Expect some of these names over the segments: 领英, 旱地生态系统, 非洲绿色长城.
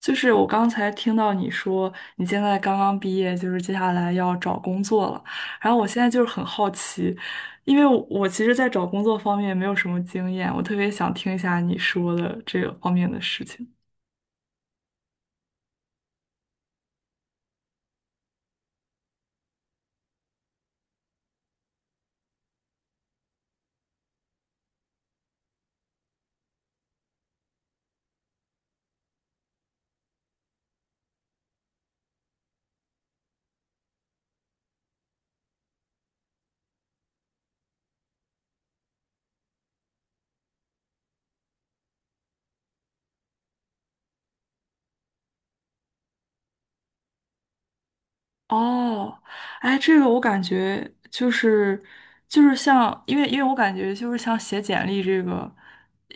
就是我刚才听到你说你现在刚刚毕业，就是接下来要找工作了。然后我现在就是很好奇，因为我其实，在找工作方面没有什么经验，我特别想听一下你说的这个方面的事情。哦，哎，这个我感觉就是像，因为我感觉就是像写简历这个，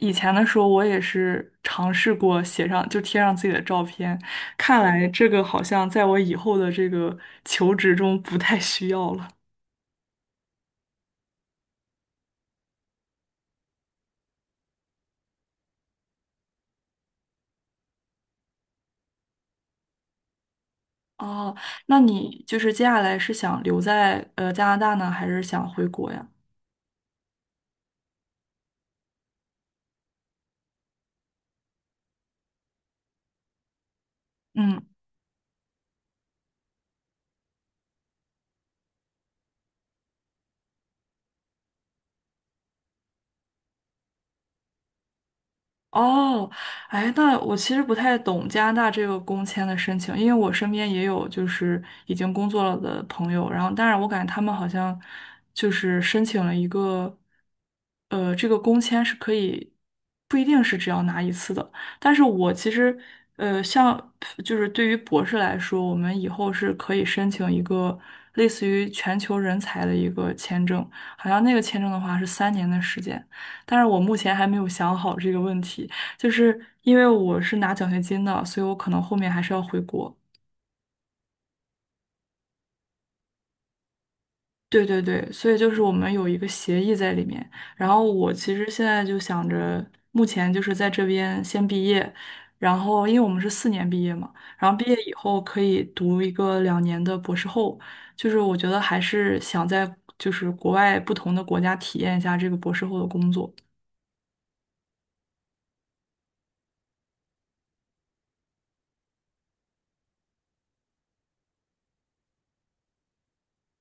以前的时候我也是尝试过写上就贴上自己的照片，看来这个好像在我以后的这个求职中不太需要了。哦，那你就是接下来是想留在加拿大呢，还是想回国呀？嗯。哦，哎，那我其实不太懂加拿大这个工签的申请，因为我身边也有就是已经工作了的朋友，然后当然我感觉他们好像就是申请了一个，这个工签是可以不一定是只要拿一次的，但是我其实像就是对于博士来说，我们以后是可以申请一个类似于全球人才的一个签证，好像那个签证的话是3年的时间。但是我目前还没有想好这个问题，就是因为我是拿奖学金的，所以我可能后面还是要回国。对对对，所以就是我们有一个协议在里面。然后我其实现在就想着，目前就是在这边先毕业，然后因为我们是4年毕业嘛，然后毕业以后可以读一个两年的博士后，就是我觉得还是想在就是国外不同的国家体验一下这个博士后的工作。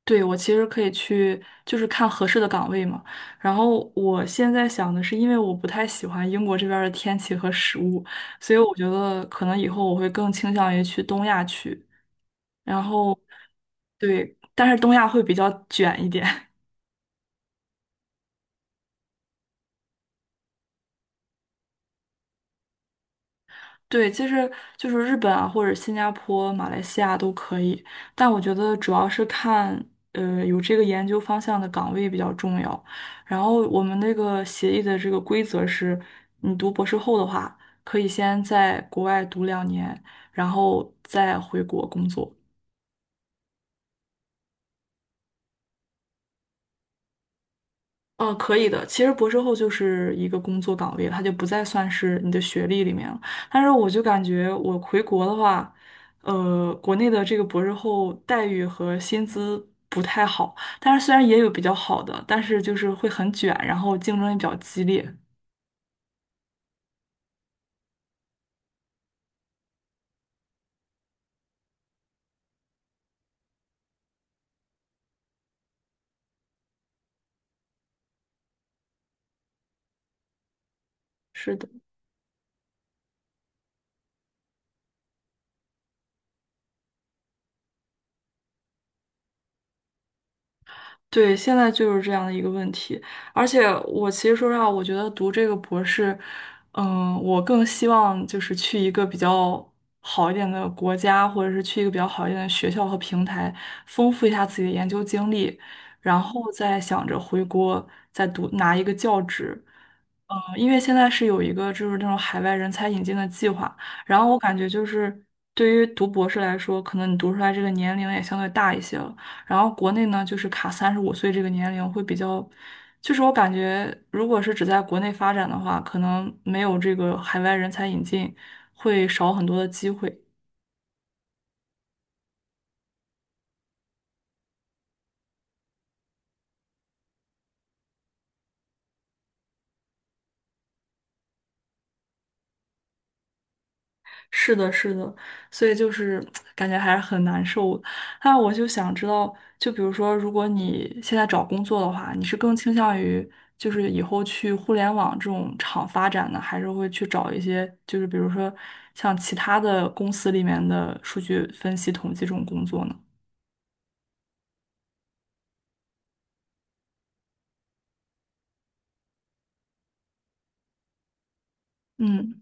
对，我其实可以去，就是看合适的岗位嘛。然后我现在想的是，因为我不太喜欢英国这边儿的天气和食物，所以我觉得可能以后我会更倾向于去东亚去。然后，对，但是东亚会比较卷一点。对，其实就是日本啊，或者新加坡、马来西亚都可以，但我觉得主要是看，有这个研究方向的岗位比较重要。然后我们那个协议的这个规则是，你读博士后的话，可以先在国外读两年，然后再回国工作。可以的。其实博士后就是一个工作岗位，它就不再算是你的学历里面了。但是我就感觉我回国的话，国内的这个博士后待遇和薪资不太好，但是虽然也有比较好的，但是就是会很卷，然后竞争也比较激烈。是的。对，现在就是这样的一个问题，而且我其实说实话，我觉得读这个博士，嗯，我更希望就是去一个比较好一点的国家，或者是去一个比较好一点的学校和平台，丰富一下自己的研究经历，然后再想着回国再读拿一个教职。嗯，因为现在是有一个就是那种海外人才引进的计划，然后我感觉就是对于读博士来说，可能你读出来这个年龄也相对大一些了。然后国内呢，就是卡35岁这个年龄会比较，就是我感觉，如果是只在国内发展的话，可能没有这个海外人才引进，会少很多的机会。是的，是的，所以就是感觉还是很难受的。那我就想知道，就比如说，如果你现在找工作的话，你是更倾向于就是以后去互联网这种厂发展呢，还是会去找一些就是比如说像其他的公司里面的数据分析统计这种工作呢？嗯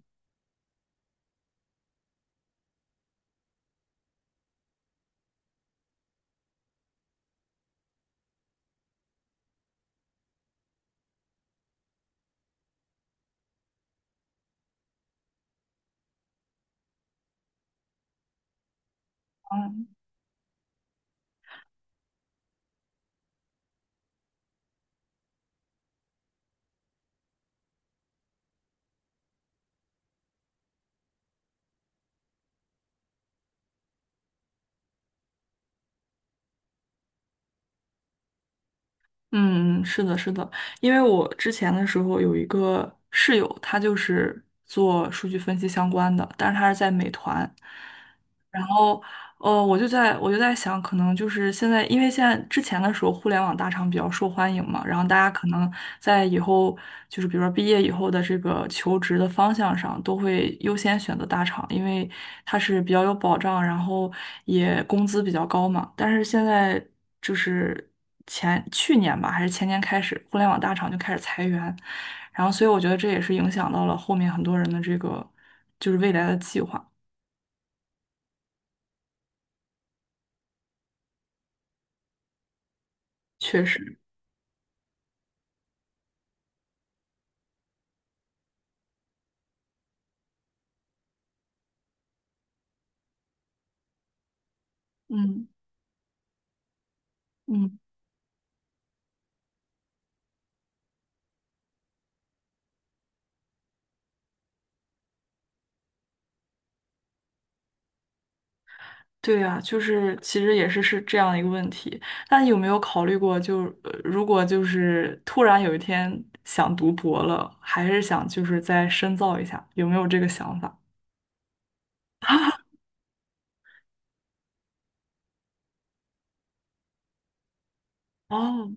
嗯嗯，是的，是的，因为我之前的时候有一个室友，他就是做数据分析相关的，但是他是在美团，然后哦，我就在想，可能就是现在，因为现在之前的时候，互联网大厂比较受欢迎嘛，然后大家可能在以后就是比如说毕业以后的这个求职的方向上，都会优先选择大厂，因为它是比较有保障，然后也工资比较高嘛。但是现在就是前去年吧，还是前年开始，互联网大厂就开始裁员，然后所以我觉得这也是影响到了后面很多人的这个就是未来的计划，确实，嗯嗯。对啊，就是其实也是是这样一个问题。那你有没有考虑过就，如果就是突然有一天想读博了，还是想就是再深造一下，有没有这个想法？哦，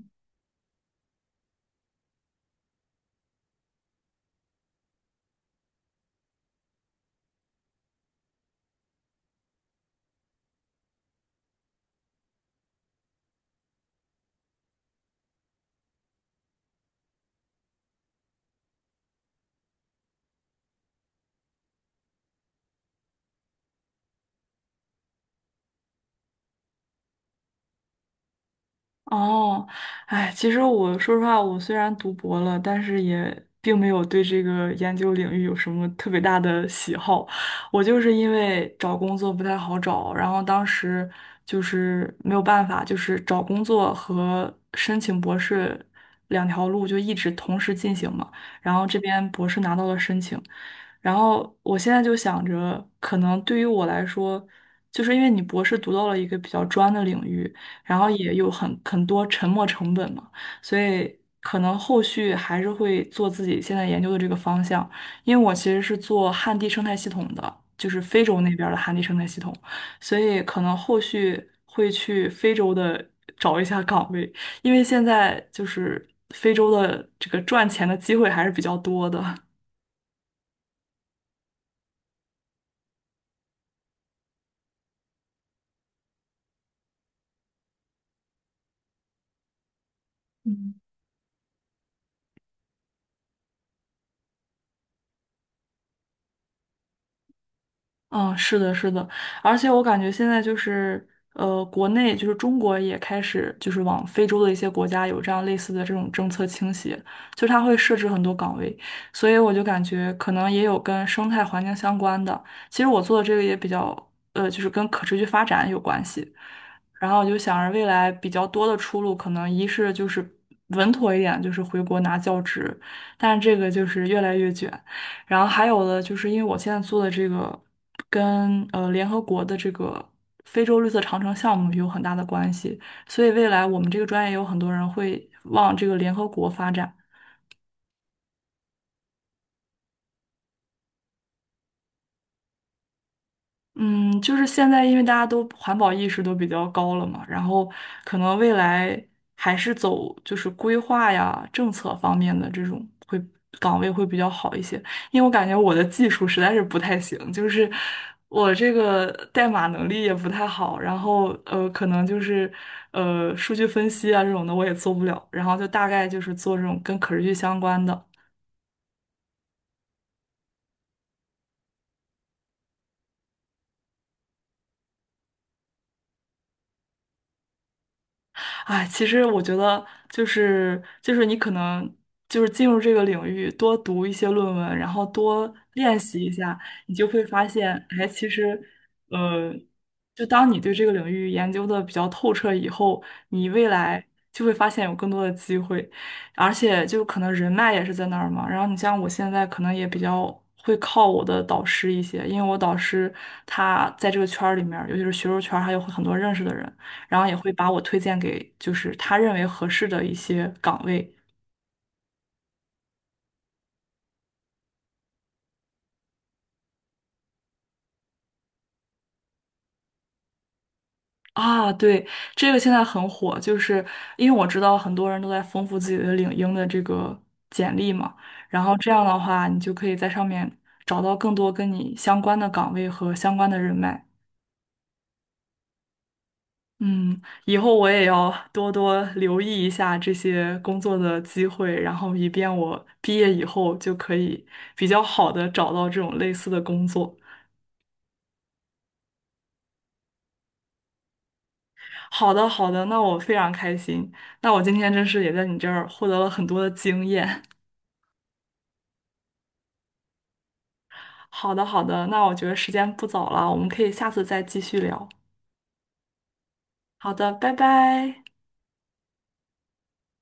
哦，哎，其实我说实话，我虽然读博了，但是也并没有对这个研究领域有什么特别大的喜好。我就是因为找工作不太好找，然后当时就是没有办法，就是找工作和申请博士两条路就一直同时进行嘛。然后这边博士拿到了申请，然后我现在就想着，可能对于我来说。就是因为你博士读到了一个比较专的领域，然后也有很多沉没成本嘛，所以可能后续还是会做自己现在研究的这个方向，因为我其实是做旱地生态系统的，就是非洲那边儿的旱地生态系统，所以可能后续会去非洲的找一下岗位，因为现在就是非洲的这个赚钱的机会还是比较多的。嗯，是的，是的，而且我感觉现在就是，国内就是中国也开始就是往非洲的一些国家有这样类似的这种政策倾斜，就它会设置很多岗位，所以我就感觉可能也有跟生态环境相关的。其实我做的这个也比较，就是跟可持续发展有关系。然后我就想着未来比较多的出路，可能一是就是稳妥一点，就是回国拿教职，但是这个就是越来越卷。然后还有的就是因为我现在做的这个跟联合国的这个非洲绿色长城项目有很大的关系，所以未来我们这个专业有很多人会往这个联合国发展。嗯，就是现在，因为大家都环保意识都比较高了嘛，然后可能未来还是走就是规划呀、政策方面的这种会岗位会比较好一些，因为我感觉我的技术实在是不太行，就是我这个代码能力也不太好，然后可能就是数据分析啊这种的我也做不了，然后就大概就是做这种跟可持续相关的。哎，其实我觉得就是你可能就是进入这个领域，多读一些论文，然后多练习一下，你就会发现，哎，其实，呃，就当你对这个领域研究的比较透彻以后，你未来就会发现有更多的机会，而且就可能人脉也是在那儿嘛。然后你像我现在可能也比较。会靠我的导师一些，因为我导师他在这个圈儿里面儿尤其是学术圈儿还有很多认识的人。然后也会把我推荐给就是他认为合适的一些岗位。啊，对，这个现在很火，就是因为我知道很多人都在丰富自己的领英的这个简历嘛，然后这样的话，你就可以在上面找到更多跟你相关的岗位和相关的人脉。嗯，以后我也要多多留意一下这些工作的机会，然后以便我毕业以后就可以比较好的找到这种类似的工作。好的，好的，那我非常开心。那我今天真是也在你这儿获得了很多的经验。好的，好的，那我觉得时间不早了，我们可以下次再继续聊。好的，拜拜。